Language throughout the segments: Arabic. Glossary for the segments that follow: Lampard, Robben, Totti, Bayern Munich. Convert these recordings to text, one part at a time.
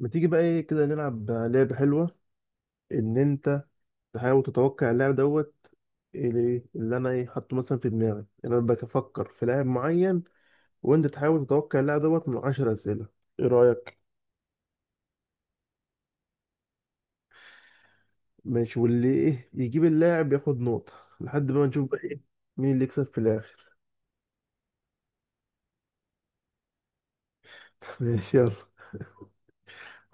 ما تيجي بقى ايه كده نلعب لعبة حلوة؟ ان انت تحاول تتوقع اللاعب دوت، اللي انا ايه حاطه مثلا في دماغي. يعني انا بفكر في لاعب معين، وانت تحاول تتوقع اللاعب دوت من 10 اسئلة. ايه رأيك؟ ماشي، واللي ايه يجيب اللاعب ياخد نقطة لحد ما نشوف بقى ايه مين اللي يكسب في الاخر. ماشي يلا.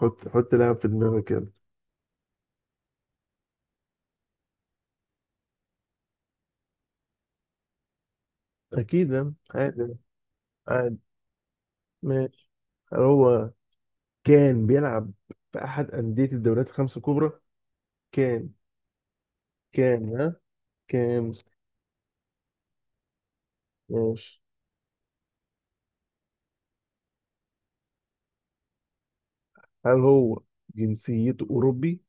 حط لاعب في دماغك يلا. اكيد يعني، عادي. عادي. ماشي. هل هو كان بيلعب في احد اندية الدوريات الخمس الكبرى؟ كان كان ها كان. ماشي. هل هو جنسيته أوروبي؟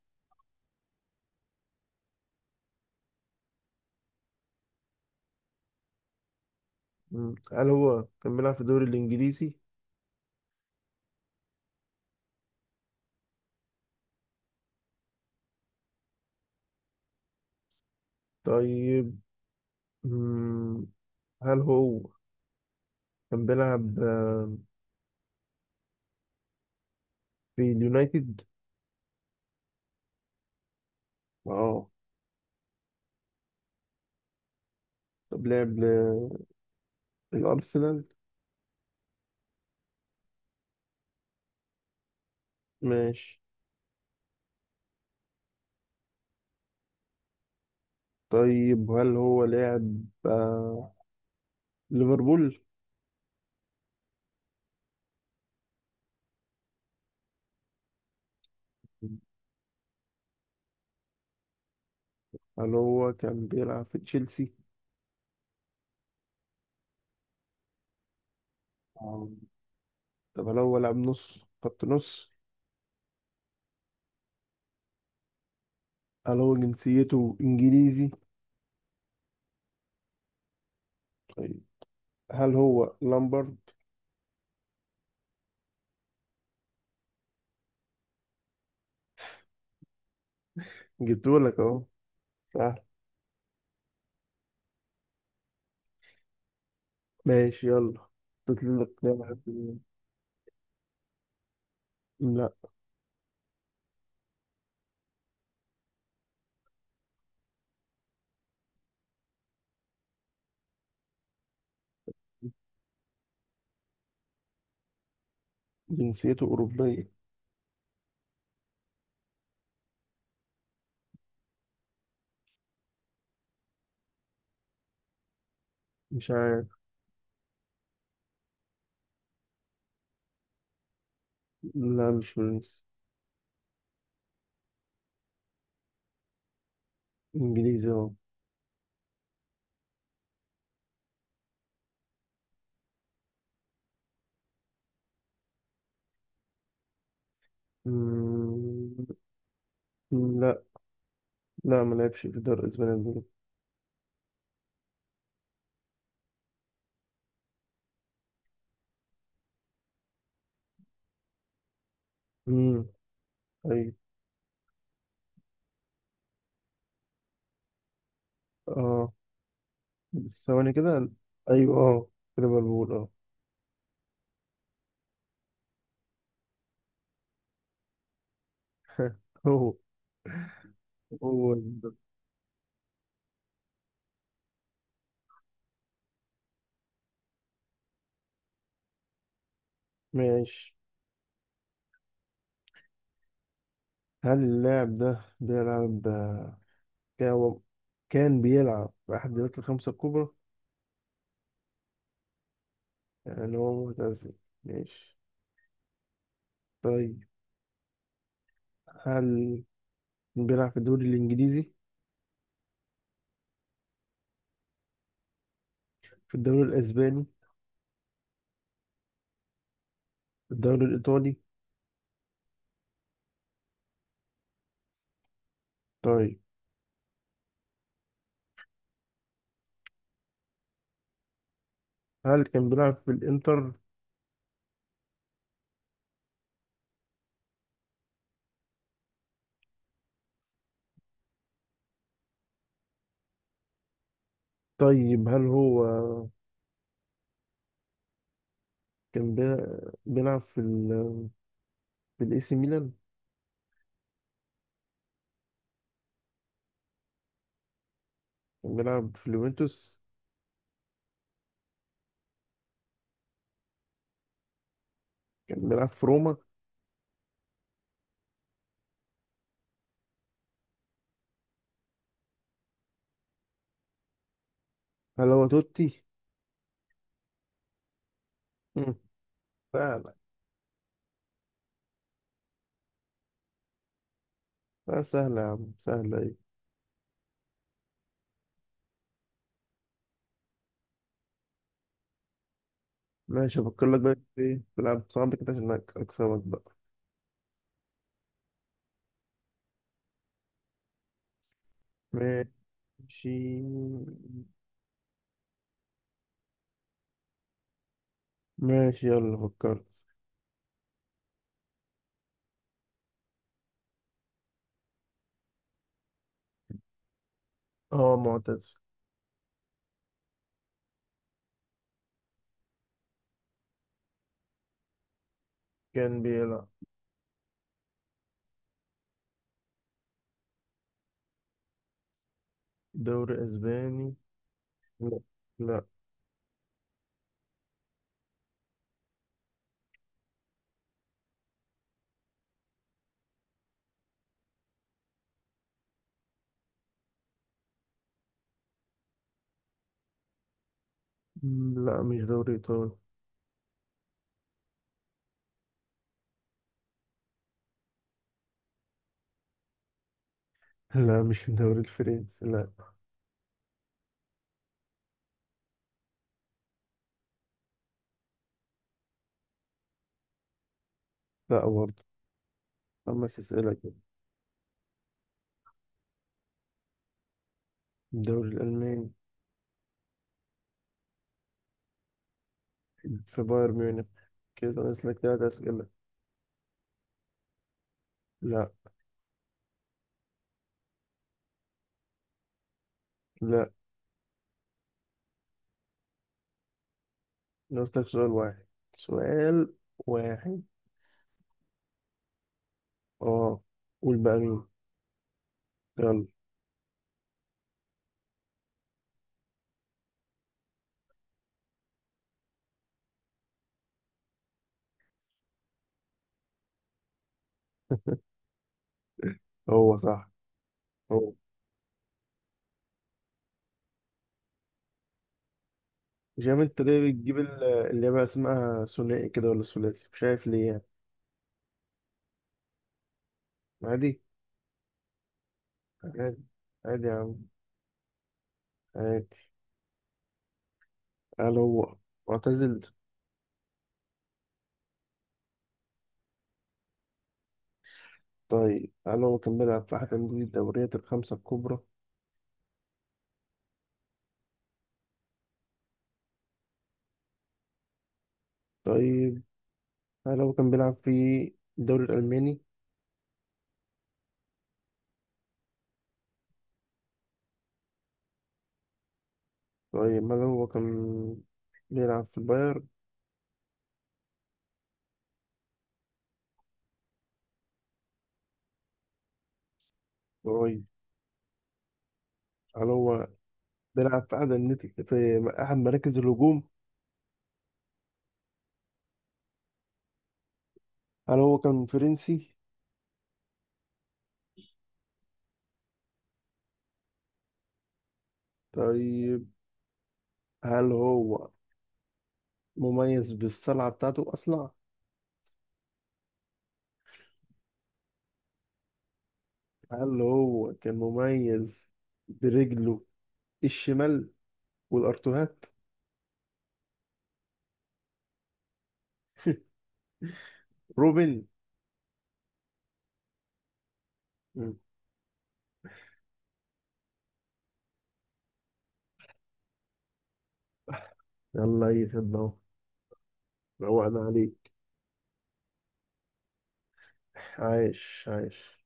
مم. هل هو كان بيلعب في الدوري الإنجليزي؟ طيب. مم. هل هو كان بيلعب في اليونايتد؟ اه. طب لعب الأرسنال. ماشي. طيب هل هو لاعب ليفربول؟ هل هو كان بيلعب في تشيلسي؟ آه. طب هل هو لاعب نص، خط نص؟ هل هو جنسيته إنجليزي؟ طيب. هل هو لامبرد؟ جبتهولك أهو. سهل. ماشي يلا. تطلع لك جامعة لا. جنسيته أوروبية. مش عارف. لا مش فرنسي. إنجليزي أهو. مم، لا. لا ما لعبش في دار أسبانيا قبل كده. مم، أيوة أه. بس ثواني كده. أيوة أه. كده بقول أه. هو. هو ده. ماشي. هل اللاعب ده بيلعب؟ كان هو- كان بيلعب في أحد الدوريات الخمسة الكبرى. يعني هو معتزل. ماشي. طيب هل كان بيلعب في الدوري الإنجليزي؟ في الدوري الأسباني؟ في الدوري الإيطالي؟ طيب هل كان بيلعب في الإنتر؟ طيب هل هو كان بيلعب في ال، في الإي سي ميلان؟ كان بيلعب في اليوفنتوس؟ كان بيلعب في روما؟ هل هو توتي؟ مم. سهلة. لا سهلة يا عم، سهلة إيه. ماشي. أفكر لك بقى في إيه، بلعب صعب كده عشان أكسبك بقى. ماشي. ماشي يلا فكرت. هو معتز. كان بيلعب. دوري أسباني؟ لا. لا. لا مش دوري إيطالي. لا مش الدوري الفرنسي. لا لا برضه. 5 أسئلة كده. الدوري الألماني. في بايرن ميونخ. كده ناقص لك 3 أسئلة. لا. لا. ناقص لك سؤال واحد. سؤال واحد. اه. قول بقى مين. يلا. هو صح. هو. مش عارف انت ليه بتجيب اللي هي بقى اسمها ثنائي كده ولا ثلاثي، مش عارف ليه يعني. عادي. عادي. عادي يا عم. عادي. قال هو معتزل. طيب هل هو كان بيلعب في أحد أندية الدوريات الخمسة الكبرى؟ طيب هل هو كان بيلعب في الدوري الألماني؟ طيب هل هو كان بيلعب في البايرن؟ طيب هل هو بيلعب في أحد أندية، في أحد مراكز الهجوم؟ هل هو كان فرنسي؟ طيب هل هو مميز بالصلعة بتاعته، أصلع؟ هل هو كان مميز برجله الشمال والأرتوهات؟ روبن. مم. يلا يا خدمة. روقنا عليك. عايش عايش.